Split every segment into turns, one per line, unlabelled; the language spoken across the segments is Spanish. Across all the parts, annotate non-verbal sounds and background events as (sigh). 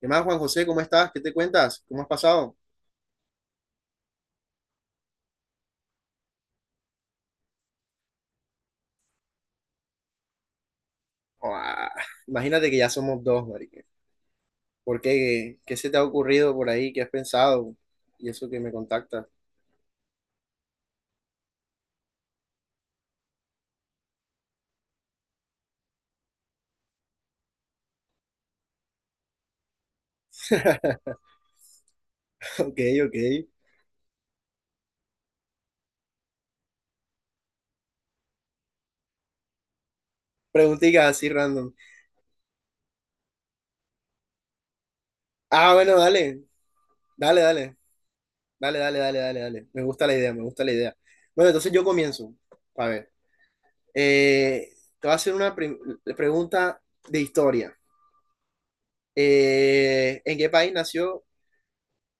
¿Qué más, Juan José? ¿Cómo estás? ¿Qué te cuentas? ¿Cómo has pasado? Ah, imagínate que ya somos dos, marica. ¿Por qué? ¿Qué se te ha ocurrido por ahí? ¿Qué has pensado? Y eso que me contactas. (laughs) Ok, ok. Preguntitas así random. Ah, bueno, dale. Dale, dale. Dale, dale, dale, dale, dale. Me gusta la idea, me gusta la idea. Bueno, entonces yo comienzo. A ver. Eh, te voy a hacer una pregunta de historia. ¿En qué país nació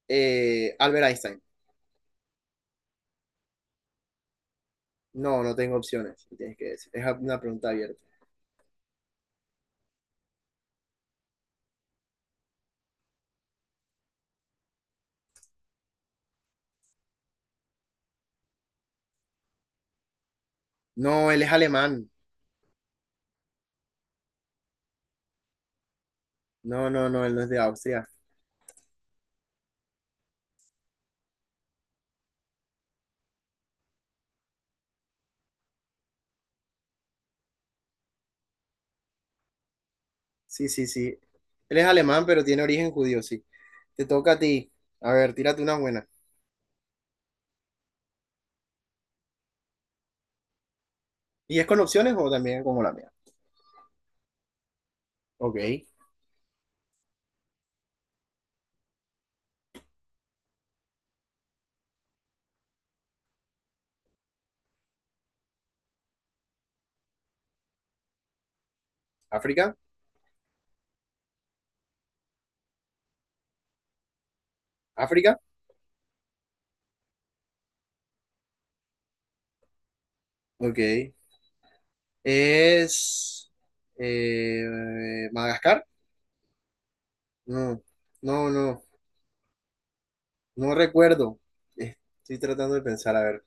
Albert Einstein? No, no tengo opciones, me tienes que decir. Es una pregunta abierta. No, él es alemán. No, no, no, él no es de Austria. Sí, sí, sí. Él es alemán, pero tiene origen judío, sí. Te toca a ti. A ver, tírate una buena. ¿Y es con opciones o también como la mía? Ok. África. África. Ok. ¿Es Madagascar? No, no, no. No recuerdo. Eh, Estoy tratando de pensar. A ver.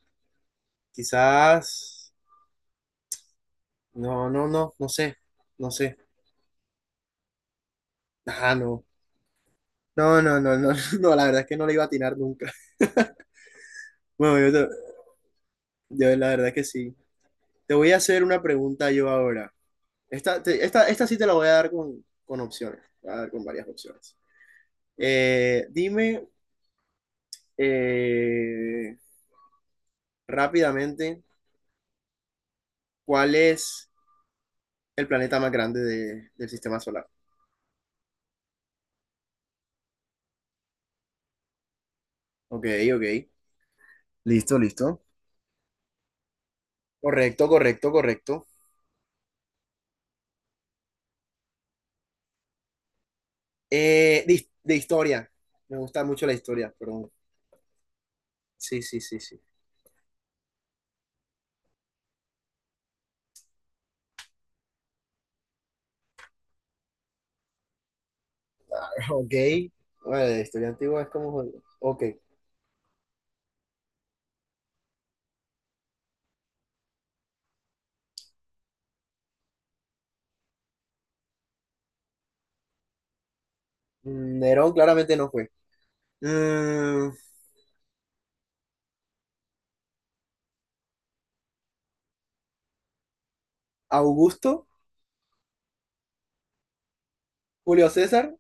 Quizás. No, no, no. No sé. No sé. Ah, no. No, no, no, no, (laughs) no, la verdad es que no le iba a atinar nunca. (laughs) Bueno, yo la verdad es que sí. Te voy a hacer una pregunta yo ahora. Esta sí te la voy a dar con, opciones, te voy a dar con varias opciones. Dime eh, rápidamente cuál es el planeta más grande del sistema solar. Ok, ok. Listo, listo. Correcto, correcto, correcto. De historia. Me gusta mucho la historia, pero sí, sí, sí, sí. Ok. Bueno, la historia antigua es como jodido. Ok. Nerón claramente no fue. Mm, Augusto, Julio César.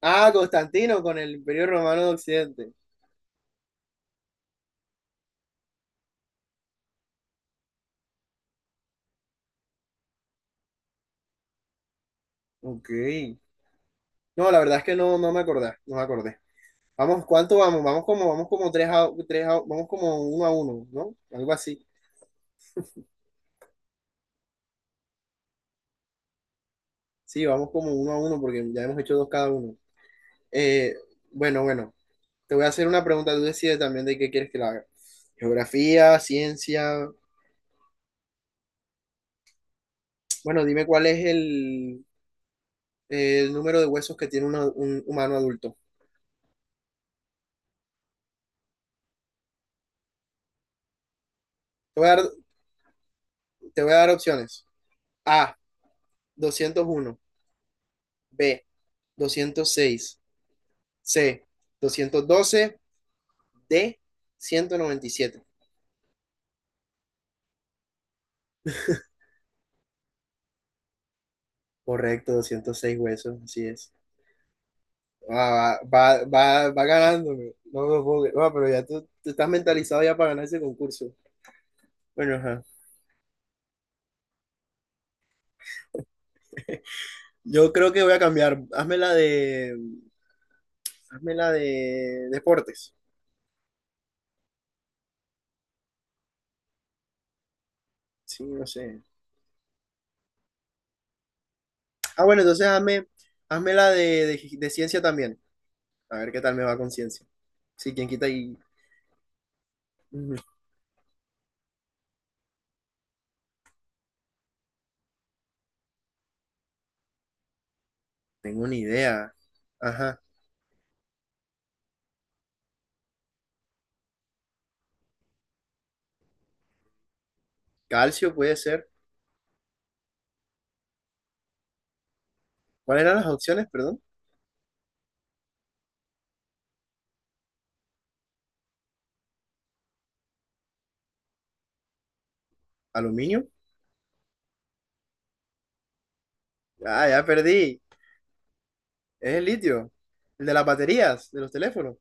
Ah, Constantino con el Imperio Romano de Occidente. Ok. No, la verdad es que no, no me acordé, no me acordé. Vamos, ¿cuánto vamos? Vamos como uno a uno, ¿no? Algo así. Sí, vamos como uno a uno porque ya hemos hecho dos cada uno. Eh, bueno, bueno, te voy a hacer una pregunta, tú decides también de qué quieres que la haga. Geografía, ciencia. Bueno, dime cuál es el número de huesos que tiene un humano adulto. Te voy a dar, te voy a dar opciones. A, 201. B, 206. C, 212. D, 197. Correcto, 206 huesos, así es. Va, va, va, va ganándome. No me puedo creer. Ah, pero ya tú estás mentalizado ya para ganar ese concurso. Bueno, ajá. Yo creo que voy a cambiar. Hazme la de deportes. Sí, no sé. Ah, bueno, entonces hazme la de ciencia también. A ver qué tal me va con ciencia. Sí, quién quita y. Ujú, tengo una idea. Ajá. Calcio puede ser. ¿Cuáles eran las opciones, perdón? ¿Aluminio? Ah, ya perdí. Es el litio. El de las baterías, de los teléfonos.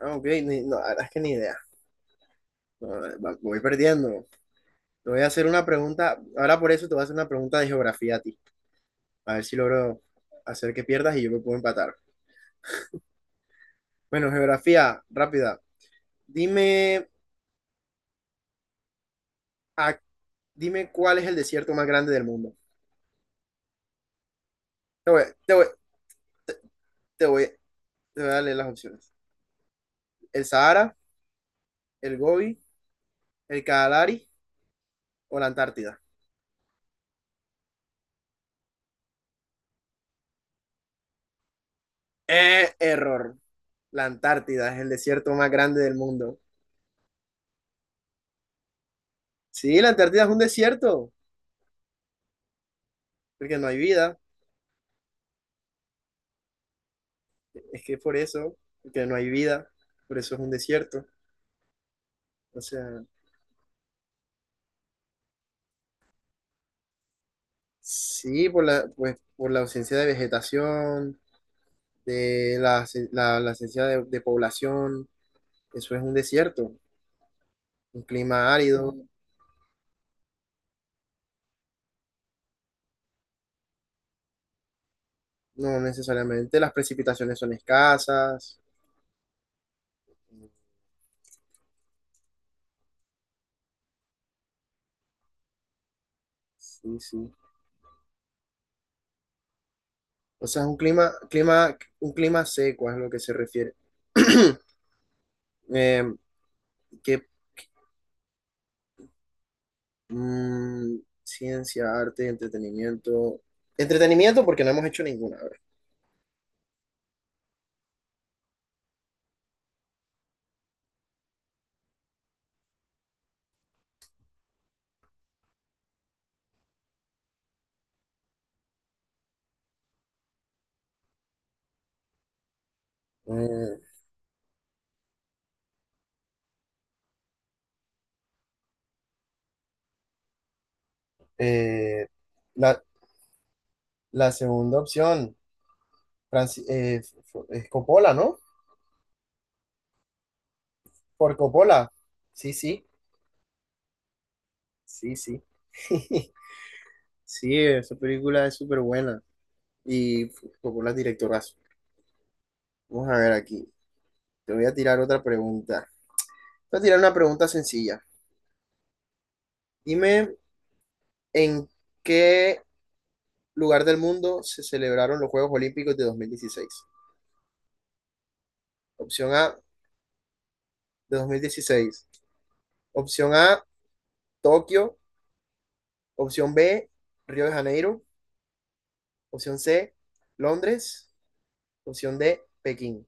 Ah, ok. No, la verdad es que ni idea. No, voy perdiendo. Te voy a hacer una pregunta. Ahora por eso te voy a hacer una pregunta de geografía a ti. A ver si logro hacer que pierdas y yo me puedo empatar. Bueno, geografía, rápida. Dime... ¿A Dime cuál es el desierto más grande del mundo. Te voy, te voy, te voy, te voy a leer las opciones. ¿El Sahara, el Gobi, el Kalahari o la Antártida? Error. La Antártida es el desierto más grande del mundo. Sí, la Antártida es un desierto, porque no hay vida. Es que por eso, porque no hay vida, por eso es un desierto. O sea, sí, pues, por la ausencia de vegetación, de la ausencia de población, eso es un desierto, un clima árido. No necesariamente, las precipitaciones son escasas. Sí, sí. O sea, es un clima seco es lo que se refiere. (clears throat) Eh, ¿qué, mm, ciencia, arte, entretenimiento? Entretenimiento porque no hemos hecho ninguna. A ver. Eh, eh, la, la segunda opción, es Coppola, ¿no? Por Coppola. Sí, sí, sí, sí. (laughs) Sí, esa película es súper buena. Y tocó las directoras. Vamos a ver aquí. Te voy a tirar otra pregunta. Te voy a tirar una pregunta sencilla. Dime en qué lugar del mundo se celebraron los Juegos Olímpicos de 2016. Opción A, de dos mil dieciséis Opción A, Tokio. Opción B, Río de Janeiro. Opción C, Londres. Opción D, Pekín.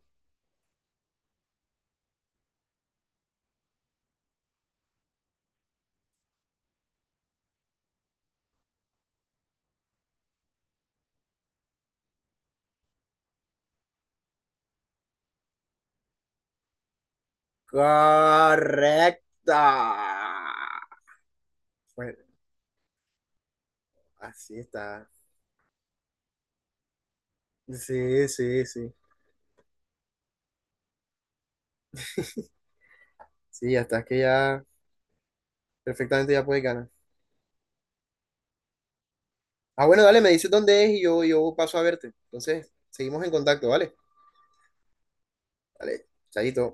Correcta. Bueno, así está. Sí, sí, sí. Sí, hasta que ya. Perfectamente ya puedes ganar. Ah, bueno, dale, me dices dónde es y yo paso a verte. Entonces, seguimos en contacto, ¿vale? Dale, chayito.